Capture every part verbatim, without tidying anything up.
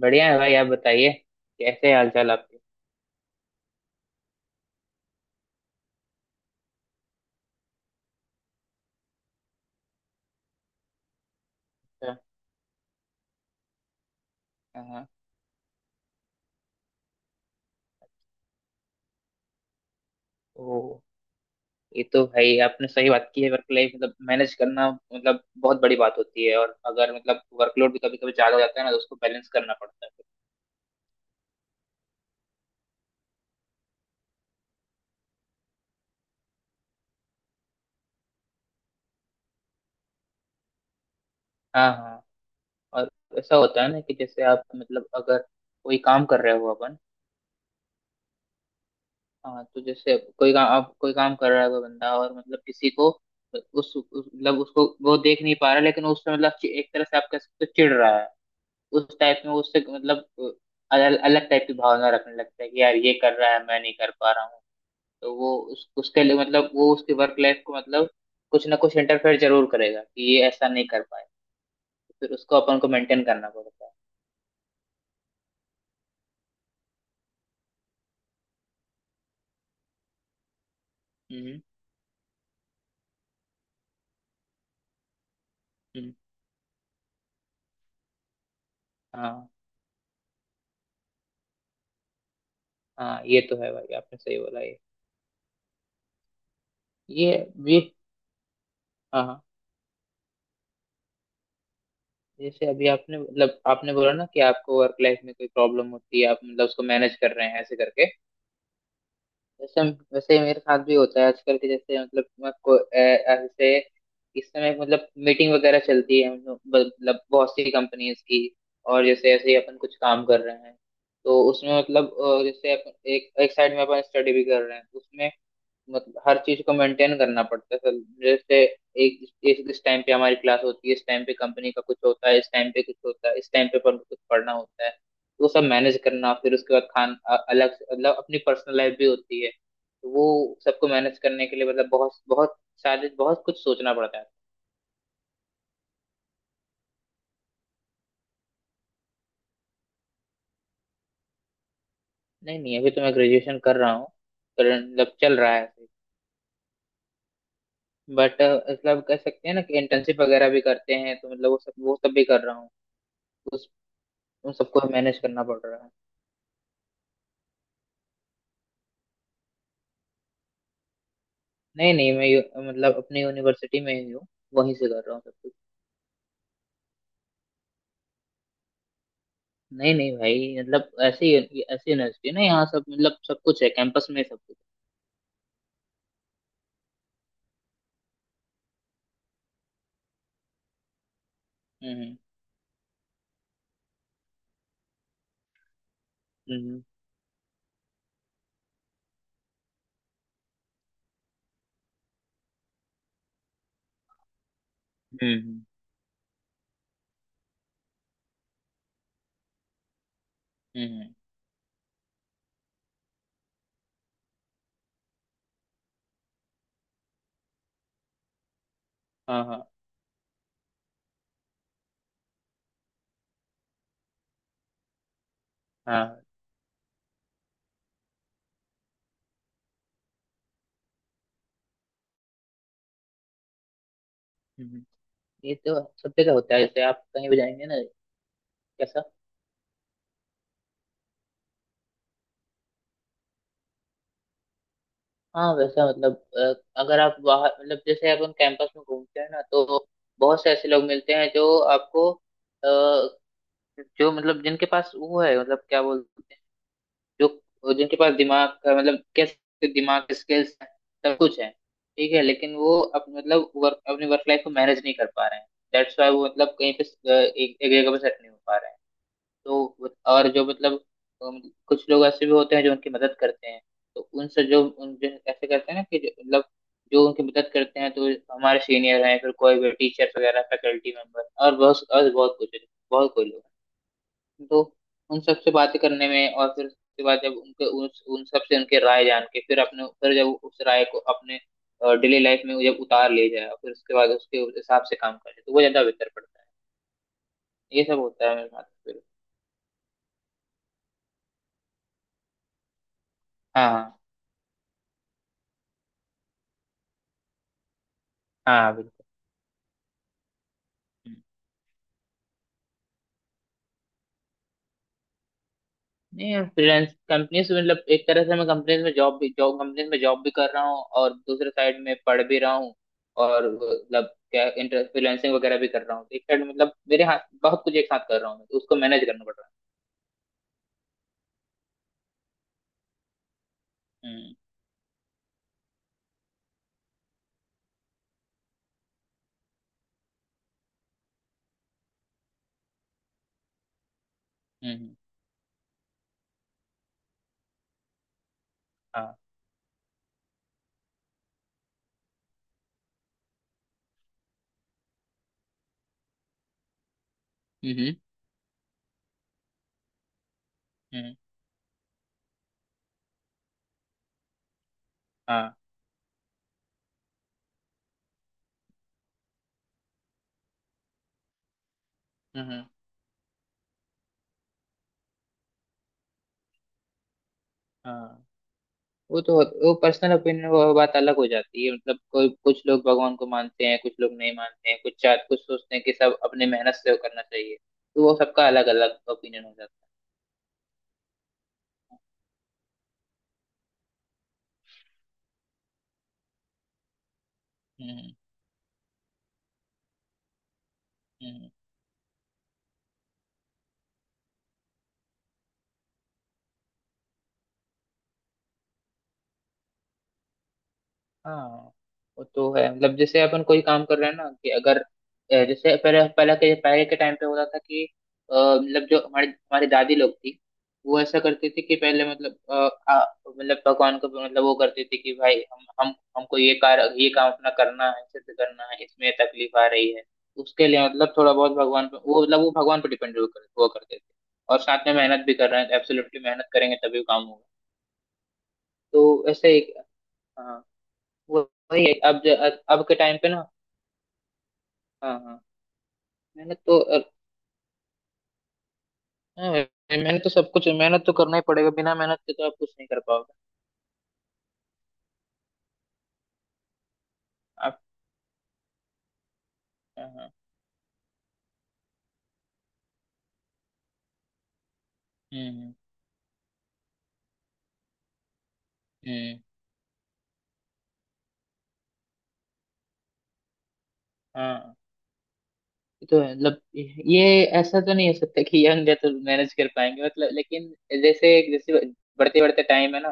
बढ़िया है भाई, आप बताइए। कैसे हाल चाल आपके? अच्छा। हाँ। ओ, ये तो भाई आपने सही बात की है। वर्क लाइफ मतलब मैनेज करना मतलब बहुत बड़ी बात होती है, और अगर मतलब वर्कलोड भी कभी कभी ज्यादा हो जाता है ना तो उसको बैलेंस करना पड़ता है। हाँ हाँ। और ऐसा होता है ना कि जैसे आप मतलब अगर कोई काम कर रहे हो अपन। हाँ, तो जैसे कोई काम आप कोई काम कर रहा है कोई बंदा, और मतलब किसी को उस उस- मतलब उसको वो देख नहीं पा रहा, लेकिन उस पे मतलब एक तरह से आप कह सकते हो चिढ़ रहा है। उस टाइप में उससे मतलब अलग अलग टाइप की भावना रखने लगता है कि यार ये कर रहा है, मैं नहीं कर पा रहा हूँ। तो वो उस, उसके लिए मतलब वो उसकी वर्क लाइफ को मतलब कुछ ना कुछ इंटरफेयर जरूर करेगा कि ये ऐसा नहीं कर पाए। फिर उसको अपन को मेंटेन करना पड़ता है। हम्म हम्म। हाँ हाँ, ये तो है भाई, आपने सही बोला। ये ये ये। हाँ हाँ। जैसे अभी आपने मतलब आपने बोला ना कि आपको वर्क लाइफ में कोई प्रॉब्लम होती है, आप मतलब उसको मैनेज कर रहे हैं ऐसे करके। जैसे, वैसे मेरे साथ भी होता है आजकल के जैसे मतलब मैं को- अ, अ, जैसे इस समय मतलब मीटिंग वगैरह चलती है, मतलब मतलब बहुत सी कंपनीज की। और जैसे ऐसे ही अपन कुछ काम कर रहे हैं। तो उसमें मतलब अ, जैसे अपन एक एक साइड में अपन स्टडी भी कर रहे हैं उसमें, मतलब हर चीज को मेंटेन करना पड़ता है सर। जैसे एक एक इस टाइम पे हमारी क्लास होती है, इस टाइम पे कंपनी का कुछ होता है, इस टाइम पे कुछ होता है, इस टाइम पे पर कुछ पढ़ना होता है। वो सब मैनेज करना, फिर उसके बाद खान अ- अलग से- मतलब अपनी पर्सनल लाइफ भी होती है, तो वो सबको मैनेज करने के लिए मतलब बहुत बहुत सारे बहुत कुछ सोचना पड़ता है। नहीं नहीं, अभी तो मैं ग्रेजुएशन कर रहा हूँ। करंट- मतलब चल रहा है। बट मतलब कह सकते हैं ना कि इंटर्नशिप वगैरह भी करते हैं, तो मतलब वो सब वो सब भी कर रहा हूँ। उस उन सबको मैनेज करना पड़ रहा है। नहीं नहीं, मैं यू- मतलब अपनी यूनिवर्सिटी में ही हूँ। वहीं से कर रहा हूँ सब कुछ। नहीं नहीं भाई, मतलब ऐसी ऐसी यूनिवर्सिटी ना, यहाँ सब मतलब सब कुछ है कैंपस में, सब कुछ। हम्म हम्म। हम्म हम्म। हम्म, हाँ हाँ हाँ। हम्म हम्म। ये तो सब जगह होता है, जैसे आप कहीं भी जाएंगे ना। कैसा? हाँ वैसा मतलब अ, अगर आप बाहर मतलब जैसे अपन कैंपस में घूमते हैं ना, तो बहुत से ऐसे लोग मिलते हैं जो आपको अ, जो मतलब जिनके पास वो है मतलब क्या बोलते, जो जिनके पास दिमाग का मतलब कैसे दिमाग के स्किल्स हैं, सब कुछ है ठीक है, लेकिन वो अप, मतलब वर्क अपनी वर्क लाइफ को मैनेज नहीं कर पा रहे हैं। दैट्स वाई वो मतलब कहीं पे अ, एक, एक जगह पे सेट नहीं हो पा रहे हैं। तो वो- और जो मतलब अम, कुछ लोग ऐसे भी होते हैं जो उनकी मदद करते हैं। तो उनसे जो उन जो ऐसे करते हैं ना कि जो- मतलब जो उनकी मदद करते हैं, तो हमारे सीनियर हैं, फिर कोई भी टीचर वगैरह, फैकल्टी मेंबर, और बहुत और बहुत कुछ, बहुत कोई लोग हैं। तो उन सब से बातें करने में, और फिर उसके बाद जब उनके उन, उन सब से उनके राय जान के, फिर अपने फिर जब उस राय को अपने डेली लाइफ में जब उतार ले जाए, फिर उसके बाद उसके हिसाब से काम करे, तो वो ज्यादा बेहतर पड़ता है। ये सब होता है मेरे साथ फिर। हाँ हाँ हाँ बिल्कुल। हम्म। नहीं, फ्रीलांस कंपनीज मतलब एक तरह से मैं कंपनीज में जॉब भी जॉब कंपनीज में जॉब भी कर रहा हूँ, और दूसरे साइड में पढ़ भी रहा हूँ। और मतलब क्या, इंटर फ्रीलांसिंग वगैरह भी कर रहा हूँ एक साइड, मतलब मेरे हाथ बहुत कुछ एक साथ कर रहा हूँ मैं, तो उसको मैनेज करना पड़ रहा है। हम्म। हाँ। हम्म हम्म। हाँ। हम्म। हाँ, वो तो। वो पर्सनल ओपिनियन, वो बात अलग हो जाती है, मतलब कोई, कुछ लोग भगवान को मानते हैं, कुछ लोग नहीं मानते हैं, कुछ चाह कुछ सोचते हैं कि सब अपने मेहनत से वो करना चाहिए। तो वो सबका अलग अलग ओपिनियन हो जाता है। हम्म हम्म। हाँ वो तो है, मतलब जैसे अपन कोई काम कर रहे हैं ना, कि अगर अ, जैसे पहले पहले के पहले के टाइम पे होता था कि अ, मतलब जो हमारे हमारी दादी लोग थी, वो ऐसा करती थी कि पहले मतलब अ, आ, मतलब भगवान को मतलब, वो करती थी कि भाई हम हम हमको ये कार ये काम अपना करना है, सिद्ध करना है, इसमें तकलीफ आ रही है, उसके लिए मतलब थोड़ा बहुत भगवान पे वो, मतलब वो भगवान पे डिपेंड हुआ कर, हुआ करते थे। और साथ में मेहनत भी कर रहे हैं, एब्सोल्युटली मेहनत करेंगे तभी काम होगा। तो ऐसे एक। हाँ। वो- वही है अब, ज- अब के टाइम पे ना। हाँ हाँ। मेहनत तो अ, हाँ, मेहनत तो सब कुछ, मेहनत तो करना ही पड़ेगा, बिना मेहनत के तो आप कुछ नहीं कर पाओगे। आप। हाँ हाँ। हम्म हम्म। हम्म, हाँ ये तो है, मतलब ये, ऐसा तो नहीं हो सकता कि यंग है तो मैनेज कर पाएंगे, मतलब लेकिन जैसे जैसे बढ़ते बढ़ते टाइम है ना,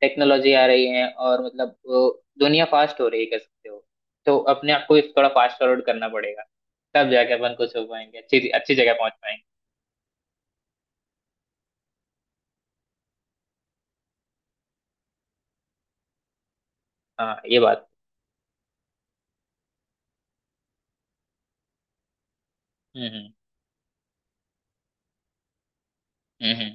टेक्नोलॉजी आ रही है, और मतलब वो दुनिया फास्ट हो रही है कह सकते हो, तो अपने आप को भी थोड़ा फास्ट फॉरवर्ड करना पड़ेगा। तब जाके अपन कुछ हो पाएंगे, अच्छी अच्छी जगह पहुंच पाएंगे। हाँ ये बात। हम्म हम्म। हम्म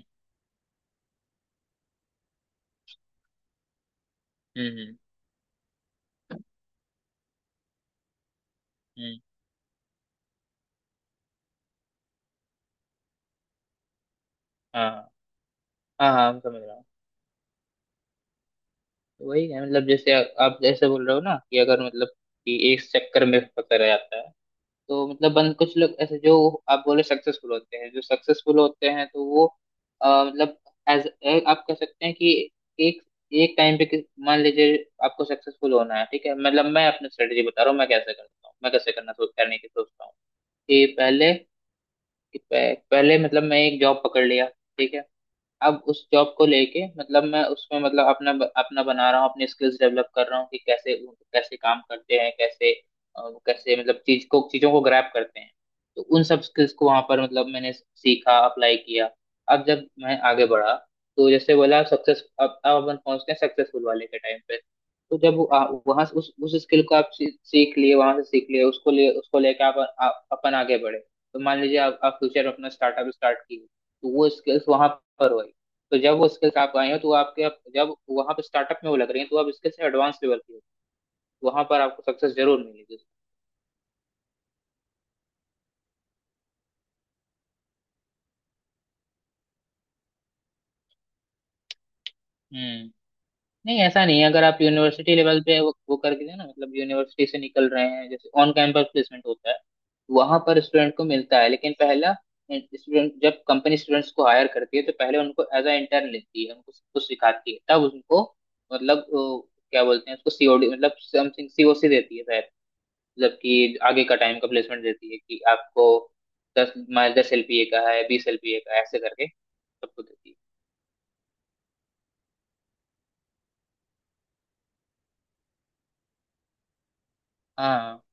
हम्म हम्म। हम्म, हाँ हाँ हाँ मैं समझ रहा हूँ। तो वही है, मतलब जैसे आ- आप जैसे बोल रहे हो ना कि अगर मतलब कि एक चक्कर में फंसा रह जाता है। तो मतलब बन कुछ लोग ऐसे जो, आप बोले सक्सेसफुल होते हैं, जो सक्सेसफुल होते हैं तो वो आ, मतलब एज, आप कह सकते हैं कि एक एक टाइम पे कि- मान लीजिए आपको सक्सेसफुल होना है, ठीक है, मतलब मैं अपनी स्ट्रेटेजी बता रहा हूँ मैं कैसे करता हूँ, मैं कैसे करना सोच करने की सोचता हूँ। कि पहले कि पह- पहले मतलब मैं एक जॉब पकड़ लिया, ठीक है। अब उस जॉब को लेके मतलब मैं उसमें मतलब अपना अपना बना रहा हूँ, अपने स्किल्स डेवलप कर रहा हूँ कि कैसे कैसे काम करते हैं, कैसे अ, कैसे मतलब चीज को चीजों को ग्रैब करते हैं। तो उन सब स्किल्स को वहां पर मतलब मैंने सीखा, अप्लाई किया। अब जब मैं आगे बढ़ा, तो जैसे बोला सक्सेस, अब अब अपन पहुंचते हैं सक्सेसफुल वाले के टाइम पे। तो जब वहां उस उस स्किल को आप सी- सीख लिए, वहां से सीख लिए, उसको लिए उसको लेके आप, आप अपन आगे बढ़े। तो मान लीजिए आप, आप फ्यूचर में अपना स्टार्टअप स्टार्ट किए, तो वो स्किल्स वहां पर हो। तो जब वो स्किल्स आप आए हो तो वो आपके आप जब वहां पे स्टार्टअप में वो लग रही है तो आप स्किल्स एडवांस लेवल की हो। वहां पर आपको सक्सेस जरूर मिलेगी। हम्म। नहीं ऐसा नहीं है, अगर आप यूनिवर्सिटी लेवल पे वो, वो करके दे ना, मतलब यूनिवर्सिटी से निकल रहे हैं, जैसे ऑन कैंपस प्लेसमेंट होता है, वहां पर स्टूडेंट को मिलता है। लेकिन पहला स्टूडेंट जब कंपनी स्टूडेंट्स को हायर करती है, तो पहले उनको एज अ इंटर्न लेती है, उनको सब कुछ सिखाती है, तब उनको मतलब अ, क्या बोलते हैं उसको, सी ओ डी मतलब समथिंग सी ओ सी देती है, मतलब कि आगे का टाइम का प्लेसमेंट देती है, कि आपको दस माइल दस एल पी ए का है, बीस एल पी ए का है, ऐसे करके सबको देती है। हाँ,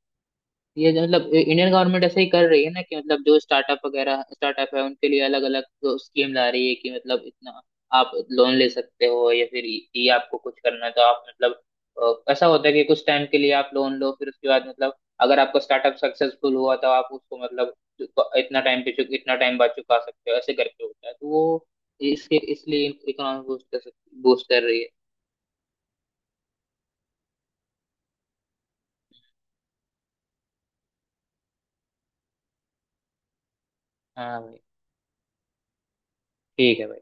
ये जो मतलब इंडियन गवर्नमेंट ऐसे ही कर रही है ना कि मतलब जो स्टार्टअप वगैरह स्टार्टअप है उनके लिए अलग अलग स्कीम ला रही है कि मतलब इतना आप लोन ले सकते हो, या फिर ये आपको कुछ करना है तो आप मतलब अ, ऐसा होता है कि कुछ टाइम के लिए आप लोन लो, फिर उसके बाद मतलब अगर आपका स्टार्टअप सक्सेसफुल हुआ तो आप उसको मतलब इतना टाइम पे चुक इतना टाइम बाद चुका सकते हो, ऐसे करके होता है। तो वो इसके इसलिए इकोनॉमी बूस्ट कर सकती बूस्ट कर रही है। हाँ भाई। ठीक है भाई।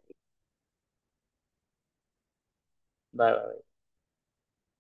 Bye bye.